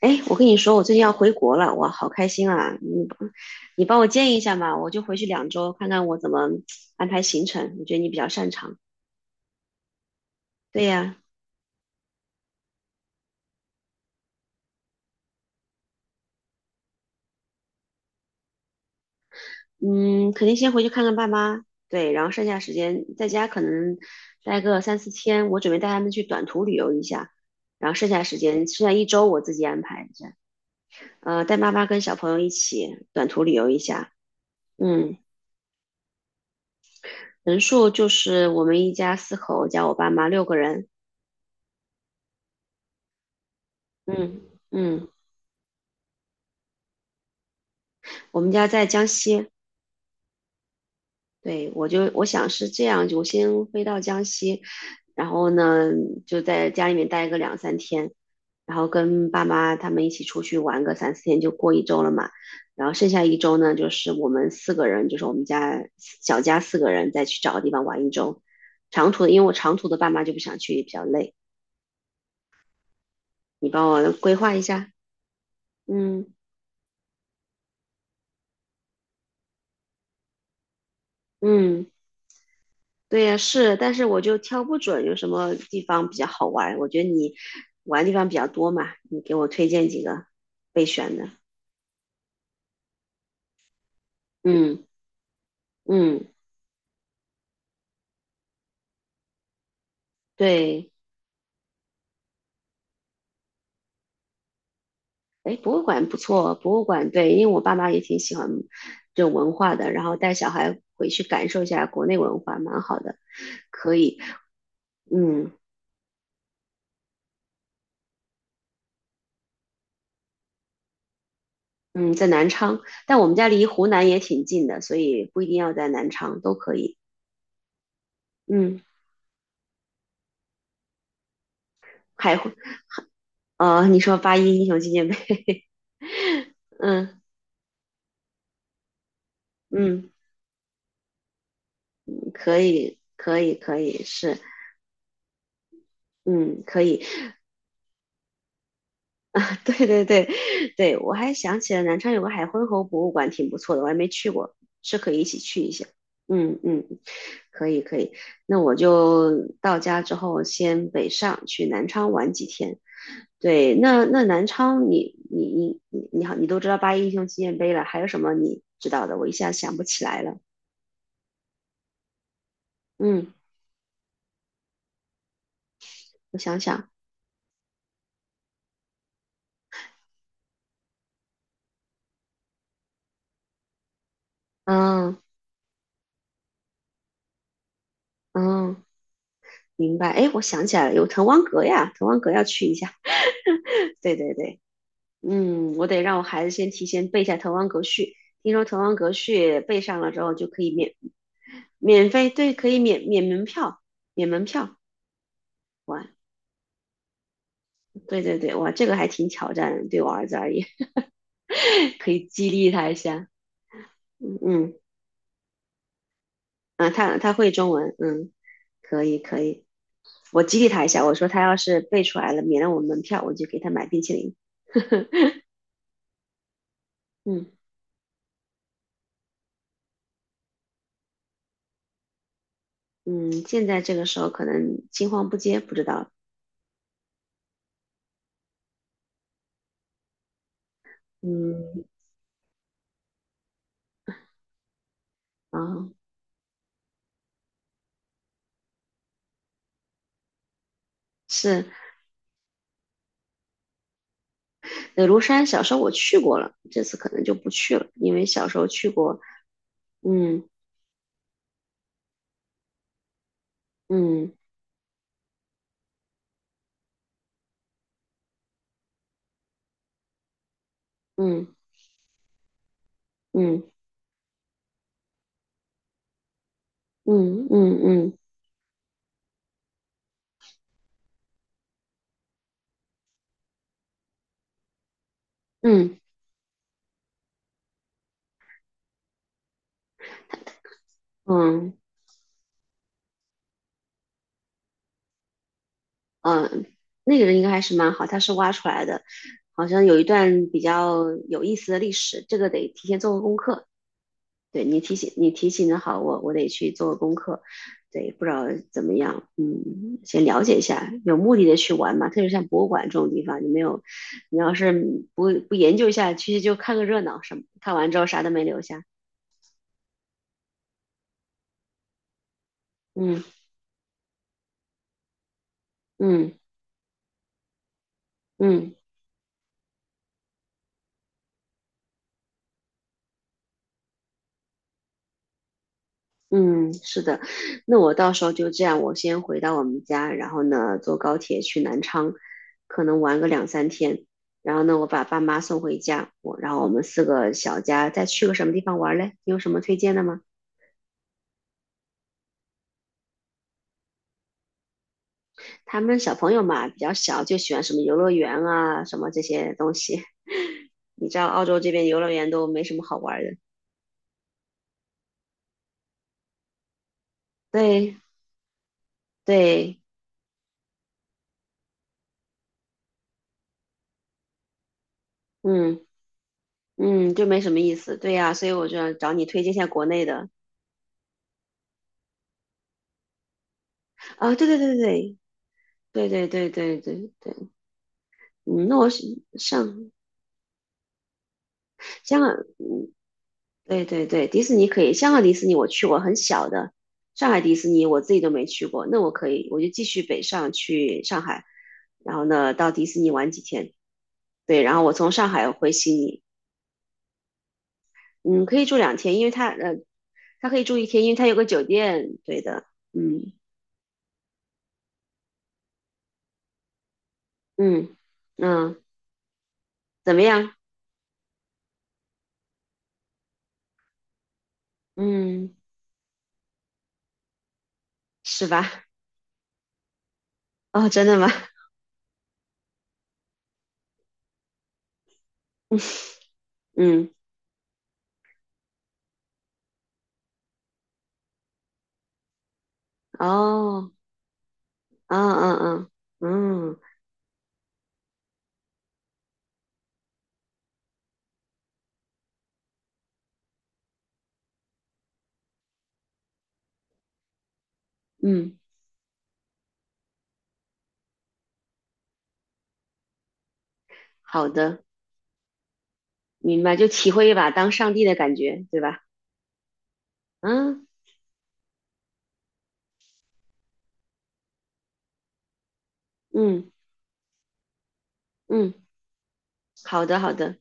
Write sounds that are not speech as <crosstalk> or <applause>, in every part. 哎，我跟你说，我最近要回国了，哇，好开心啊！你帮我建议一下嘛，我就回去2周，看看我怎么安排行程。我觉得你比较擅长。对呀，嗯，肯定先回去看看爸妈，对，然后剩下时间在家可能待个三四天，我准备带他们去短途旅游一下，然后剩下一周我自己安排一下，带妈妈跟小朋友一起短途旅游一下。嗯，人数就是我们一家四口加我爸妈6个人。嗯嗯。我们家在江西，对，我想是这样，我先飞到江西，然后呢就在家里面待个两三天，然后跟爸妈他们一起出去玩个三四天，就过一周了嘛。然后剩下一周呢，就是我们四个人，就是我们家小家四个人再去找个地方玩一周。长途的，因为我长途的爸妈就不想去，比较累。你帮我规划一下。嗯嗯。对呀，是，但是我就挑不准有什么地方比较好玩。我觉得你玩的地方比较多嘛，你给我推荐几个备选的。嗯嗯，对，哎，博物馆不错，博物馆对，因为我爸妈也挺喜欢这种文化的，然后带小孩回去感受一下国内文化，蛮好的。嗯嗯，在南昌，但我们家离湖南也挺近的，所以不一定要在南昌，都可以。嗯，还湖，你说八一英雄纪念碑，<laughs> 嗯嗯。可以，可以，可以，是，嗯，可以，<laughs> 对对对，对，我还想起了南昌有个海昏侯博物馆，挺不错的，我还没去过，是可以一起去一下。嗯嗯，可以可以，那我就到家之后先北上去南昌玩几天。对，那南昌你都知道八一英雄纪念碑了，还有什么你知道的？我一下想不起来了。嗯，我想想，嗯嗯。明白。哎，我想起来了，有滕王阁呀，滕王阁要去一下。<laughs> 对对对，嗯，我得让我孩子先提前背一下《滕王阁序》。听说《滕王阁序》背上了之后就可以免费，对，可以免门票，免门票。哇，对对对，哇，这个还挺挑战的，对我儿子而言，<laughs> 可以激励他一下。嗯，啊，他会中文，嗯，可以可以，我激励他一下，我说他要是背出来了，免了我门票，我就给他买冰淇淋。嗯。嗯，现在这个时候可能青黄不接，不知道。嗯，啊，是庐山，小时候我去过了，这次可能就不去了，因为小时候去过。嗯嗯嗯嗯嗯嗯嗯嗯嗯嗯，那个人应该还是蛮好，他是挖出来的，好像有一段比较有意思的历史，这个得提前做个功课。对你提醒的好，我得去做功课。对，不知道怎么样，先了解一下，有目的的去玩嘛。特别像博物馆这种地方，你没有，你要是不研究一下，其实就看个热闹，什么看完之后啥都没留下。嗯嗯嗯。嗯，是的，那我到时候就这样，我先回到我们家，然后呢，坐高铁去南昌，可能玩个两三天，然后呢，我把爸妈送回家，然后我们四个小家再去个什么地方玩嘞？你有什么推荐的吗？他们小朋友嘛，比较小，就喜欢什么游乐园啊，什么这些东西。你知道澳洲这边游乐园都没什么好玩的，对对，嗯嗯，就没什么意思，对呀，所以我就要找你推荐一下国内的啊，对对对对对，对对对对对对，嗯，那我是上香港，对对对，迪士尼可以，香港迪士尼我去过，很小的，上海迪士尼我自己都没去过，那我可以，我就继续北上去上海，然后呢到迪士尼玩几天，对，然后我从上海回悉尼，嗯，可以住两天，因为它可以住一天，因为它有个酒店，对的，嗯嗯嗯，怎么样？嗯，是吧？<laughs> 哦，真的吗？嗯，哦，嗯嗯嗯。嗯嗯，好的，明白，就体会一把当上帝的感觉，对吧？嗯嗯嗯，好的好的，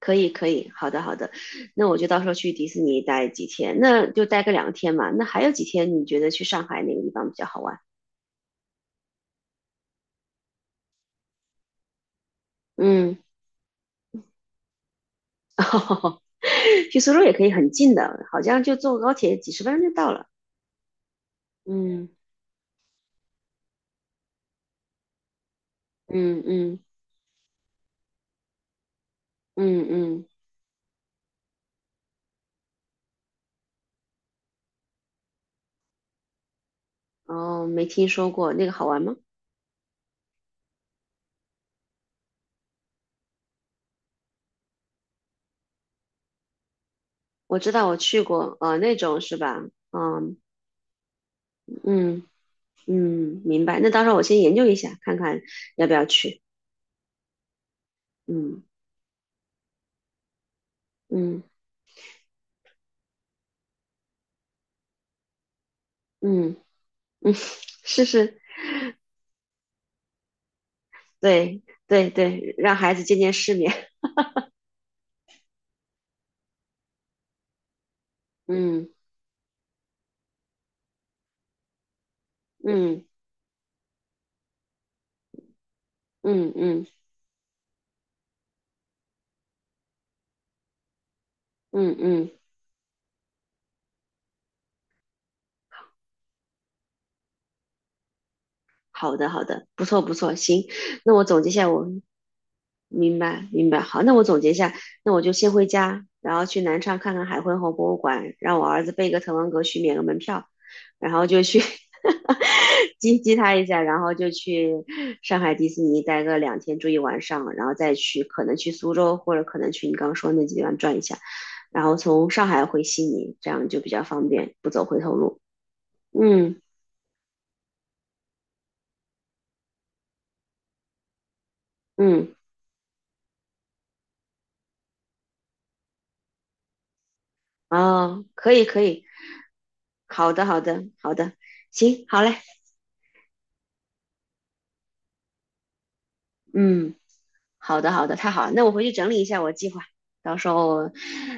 可以可以，好的好的，那我就到时候去迪士尼待几天，那就待个两天嘛。那还有几天你觉得去上海哪个地方比较好玩？嗯，<laughs> 去苏州也可以很近的，好像就坐高铁几十分钟就到了。嗯嗯嗯嗯嗯，哦，没听说过那个好玩吗？我知道我去过，那种是吧？嗯嗯。嗯，明白。那到时候我先研究一下，看看要不要去。嗯嗯嗯嗯，<laughs> 试试。对对对，让孩子见见世面。<laughs> 嗯嗯嗯嗯嗯嗯。好的，好的，不错，不错，行，那我总结一下，我明白，明白，好，那我总结一下，那我就先回家，然后去南昌看看海昏侯博物馆，让我儿子背个滕王阁序，免个门票，然后就去 <laughs> 激激他一下，然后就去上海迪士尼待个两天，住一晚上，然后再去可能去苏州，或者可能去你刚刚说的那几个地方转一下，然后从上海回悉尼，这样就比较方便，不走回头路。嗯嗯。哦，可以可以，好的好的好的，行，好嘞，嗯，好的好的，太好了，那我回去整理一下我计划，到时候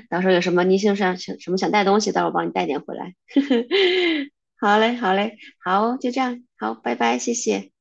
到时候有什么你想什么想带东西，到时候我帮你带点回来。<laughs> 好嘞好嘞，好，就这样，好，拜拜，谢谢。